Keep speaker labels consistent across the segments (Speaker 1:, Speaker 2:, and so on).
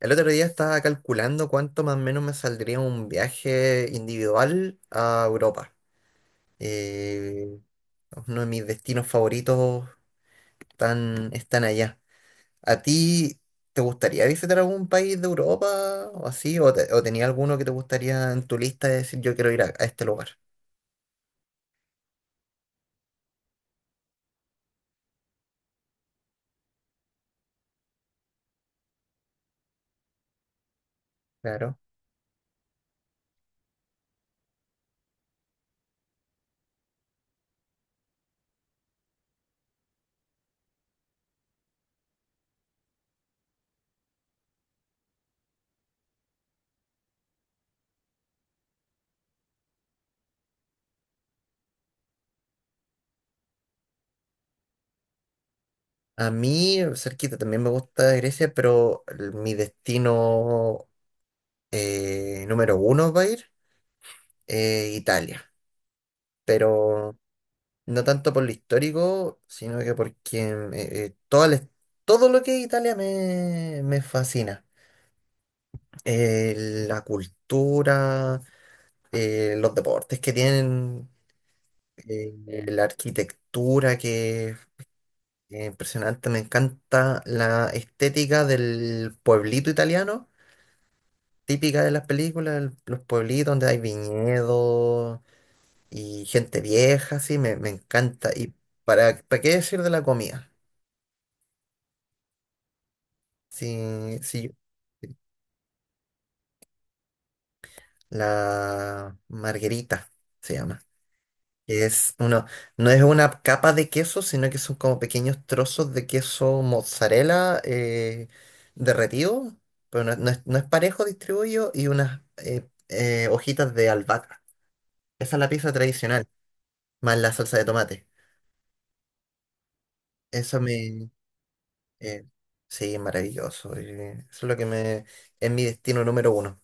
Speaker 1: El otro día estaba calculando cuánto más o menos me saldría un viaje individual a Europa. Eh, uno de mis destinos favoritos están allá. ¿A ti te gustaría visitar algún país de Europa o así? ¿O tenía alguno que te gustaría en tu lista de decir yo quiero ir a este lugar? Claro. A mí, cerquita, también me gusta Grecia, pero mi destino número uno va a ir Italia. Pero no tanto por lo histórico, sino que porque todo lo que es Italia me fascina. La cultura, los deportes que tienen, eh, la arquitectura que es impresionante. Me encanta la estética del pueblito italiano, típica de las películas, los pueblitos donde hay viñedos y gente vieja, sí, me encanta. Y ¿para qué decir de la comida? Sí, sí, la marguerita se llama. Que es uno, no es una capa de queso, sino que son como pequeños trozos de queso mozzarella derretido, pero no, no es parejo distribuido, y unas hojitas de albahaca. Esa es la pizza tradicional, más la salsa de tomate. Eso me, eh, sí, es maravilloso. Eso es lo que me. Es mi destino número uno.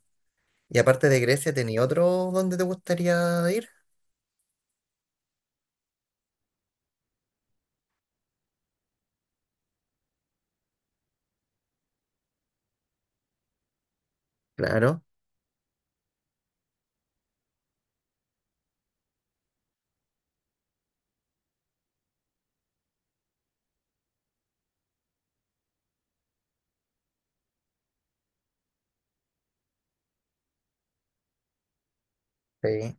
Speaker 1: Y aparte de Grecia, ¿tenía otro donde te gustaría ir? Claro. Sí.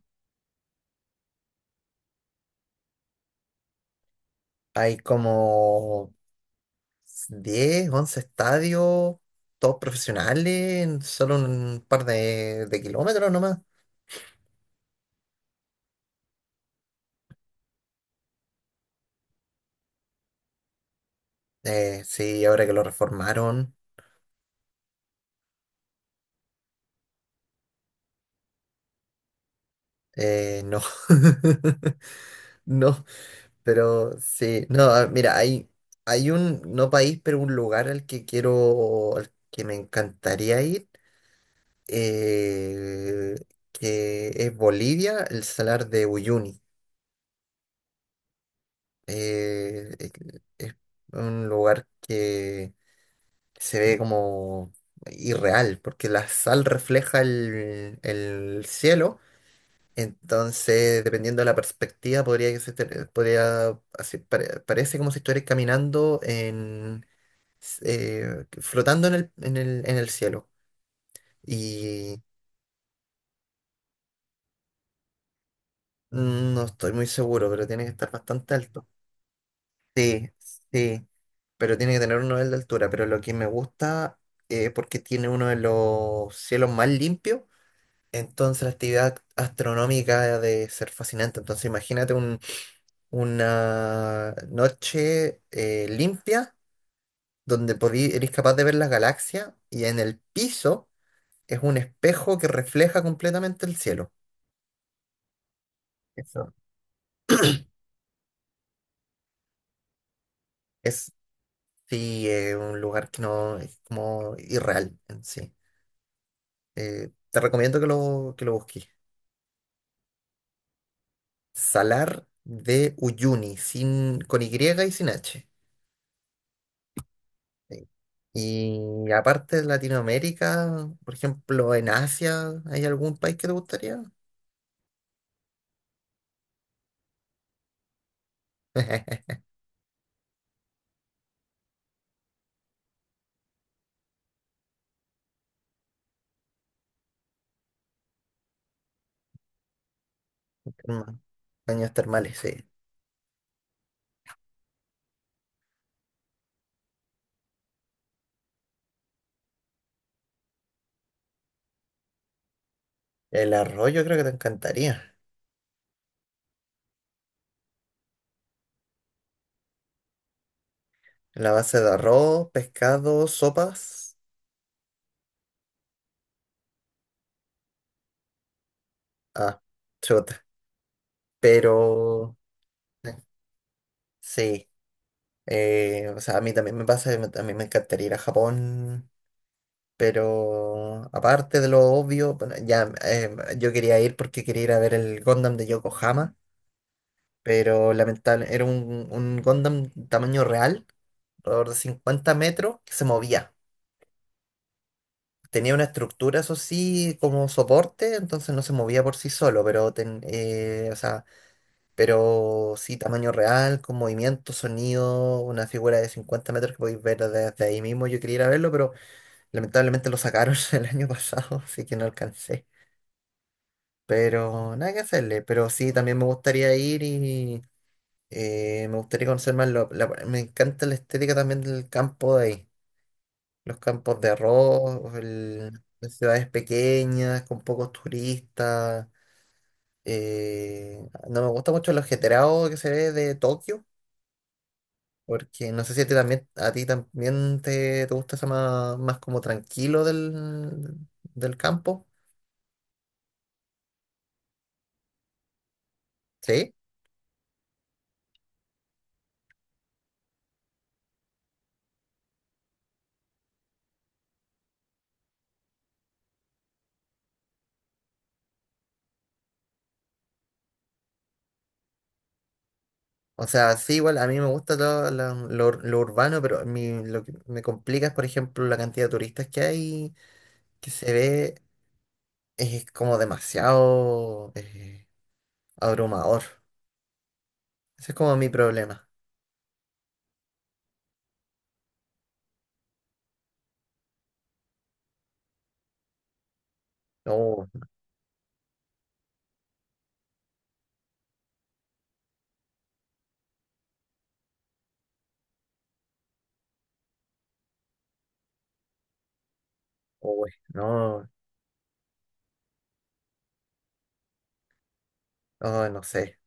Speaker 1: Hay como 10, 11 estadios, todos profesionales, en solo un par de kilómetros nomás. Sí, ahora que lo reformaron, no. No, pero sí, no, mira, hay un, no país, pero un lugar al que quiero, al que me encantaría ir, eh, que es Bolivia, el Salar de Uyuni. Eh, es es un lugar que se ve como irreal, porque la sal refleja el cielo, entonces dependiendo de la perspectiva podría que se te- podría así, parece como si estuvieras caminando en flotando en el cielo. Y no estoy muy seguro, pero tiene que estar bastante alto. Sí, sí, pero tiene que tener un nivel de altura. Pero lo que me gusta es porque tiene uno de los cielos más limpios. Entonces la actividad astronómica ha de ser fascinante. Entonces imagínate una noche limpia donde eres capaz de ver las galaxias y en el piso es un espejo que refleja completamente el cielo. Eso. Es, sí, un lugar que no es como irreal en sí. Te recomiendo que lo busques. Salar de Uyuni, sin, con Y y sin H. Sí. Y aparte de Latinoamérica, por ejemplo, en Asia, ¿hay algún país que te gustaría? Terma- Baños termales, sí. El arroz yo creo que te encantaría. La base de arroz, pescado, sopas. Ah, chuta. Pero sí. O sea, a mí también me pasa, que a mí me encantaría ir a Japón. Pero aparte de lo obvio, bueno, ya yo quería ir porque quería ir a ver el Gundam de Yokohama, pero lamentable, era un Gundam tamaño real, alrededor de 50 metros, que se movía. Tenía una estructura, eso sí, como soporte, entonces no se movía por sí solo, pero, o sea, pero sí, tamaño real, con movimiento, sonido, una figura de 50 metros que podéis ver desde ahí mismo. Yo quería ir a verlo, pero lamentablemente lo sacaron el año pasado, así que no alcancé. Pero nada que hacerle, pero sí, también me gustaría ir. Me gustaría conocer más, me encanta la estética también del campo de ahí, los campos de arroz, las ciudades pequeñas, con pocos turistas. eh, no me gusta mucho lo ajetreado que se ve de Tokio, porque no sé si a ti también, a ti también te gusta eso más, más como tranquilo del campo, ¿sí? O sea, sí, igual a mí me gusta lo urbano, pero lo que me complica es, por ejemplo, la cantidad de turistas que hay que se ve es como demasiado abrumador. Ese es como mi problema. Oh, oh, no, oh, no sé.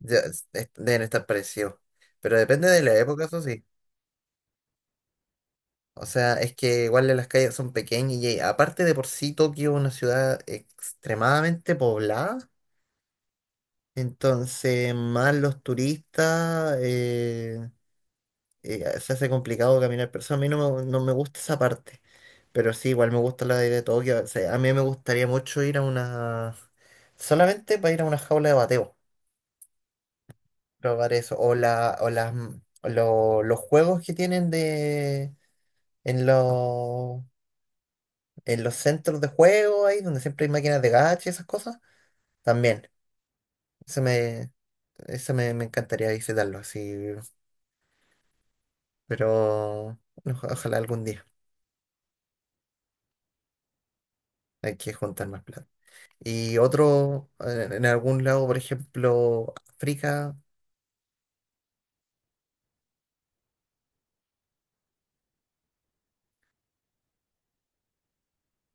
Speaker 1: Ya, deben estar parecidos. Pero depende de la época, eso sí. O sea, es que igual las calles son pequeñas y aparte de por sí Tokio es una ciudad extremadamente poblada. Entonces, más los turistas, se hace complicado caminar. Por eso a mí no me gusta esa parte. Pero sí, igual me gusta la idea de Tokio. O sea, a mí me gustaría mucho ir a una, solamente para ir a una jaula de bateo. Probar eso. O, la, o, las, o lo- los juegos que tienen de, en, los en los centros de juego ahí, donde siempre hay máquinas de gacha y esas cosas. También. Eso me, me encantaría visitarlo así. Pero ojalá algún día. Hay que juntar más plata. Y otro, en algún lado, por ejemplo, África.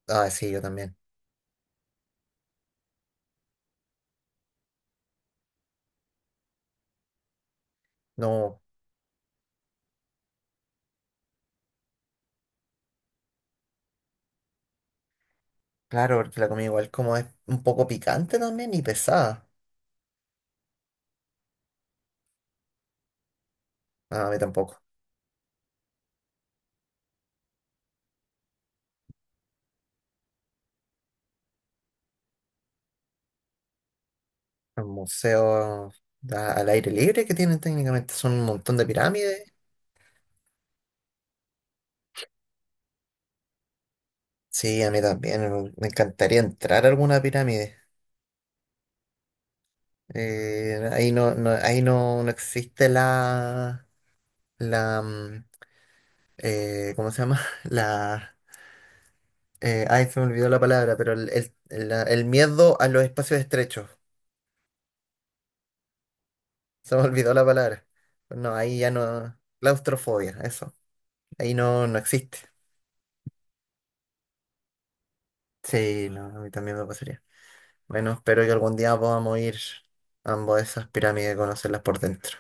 Speaker 1: Ah, sí, yo también. No, claro, porque la comida igual como es un poco picante también y pesada. No, a mí tampoco. Los museos al aire libre que tienen técnicamente son un montón de pirámides. Sí, a mí también. Me encantaría entrar a alguna pirámide. Ahí no, no, ahí no, no existe la, mm, ¿cómo se llama? Ay, se me olvidó la palabra, pero el miedo a los espacios estrechos. Se me olvidó la palabra. No, ahí ya no. Claustrofobia, eso. Ahí no, no existe. Sí, no, a mí también me pasaría. Bueno, espero que algún día podamos ir ambos a esas pirámides y conocerlas por dentro.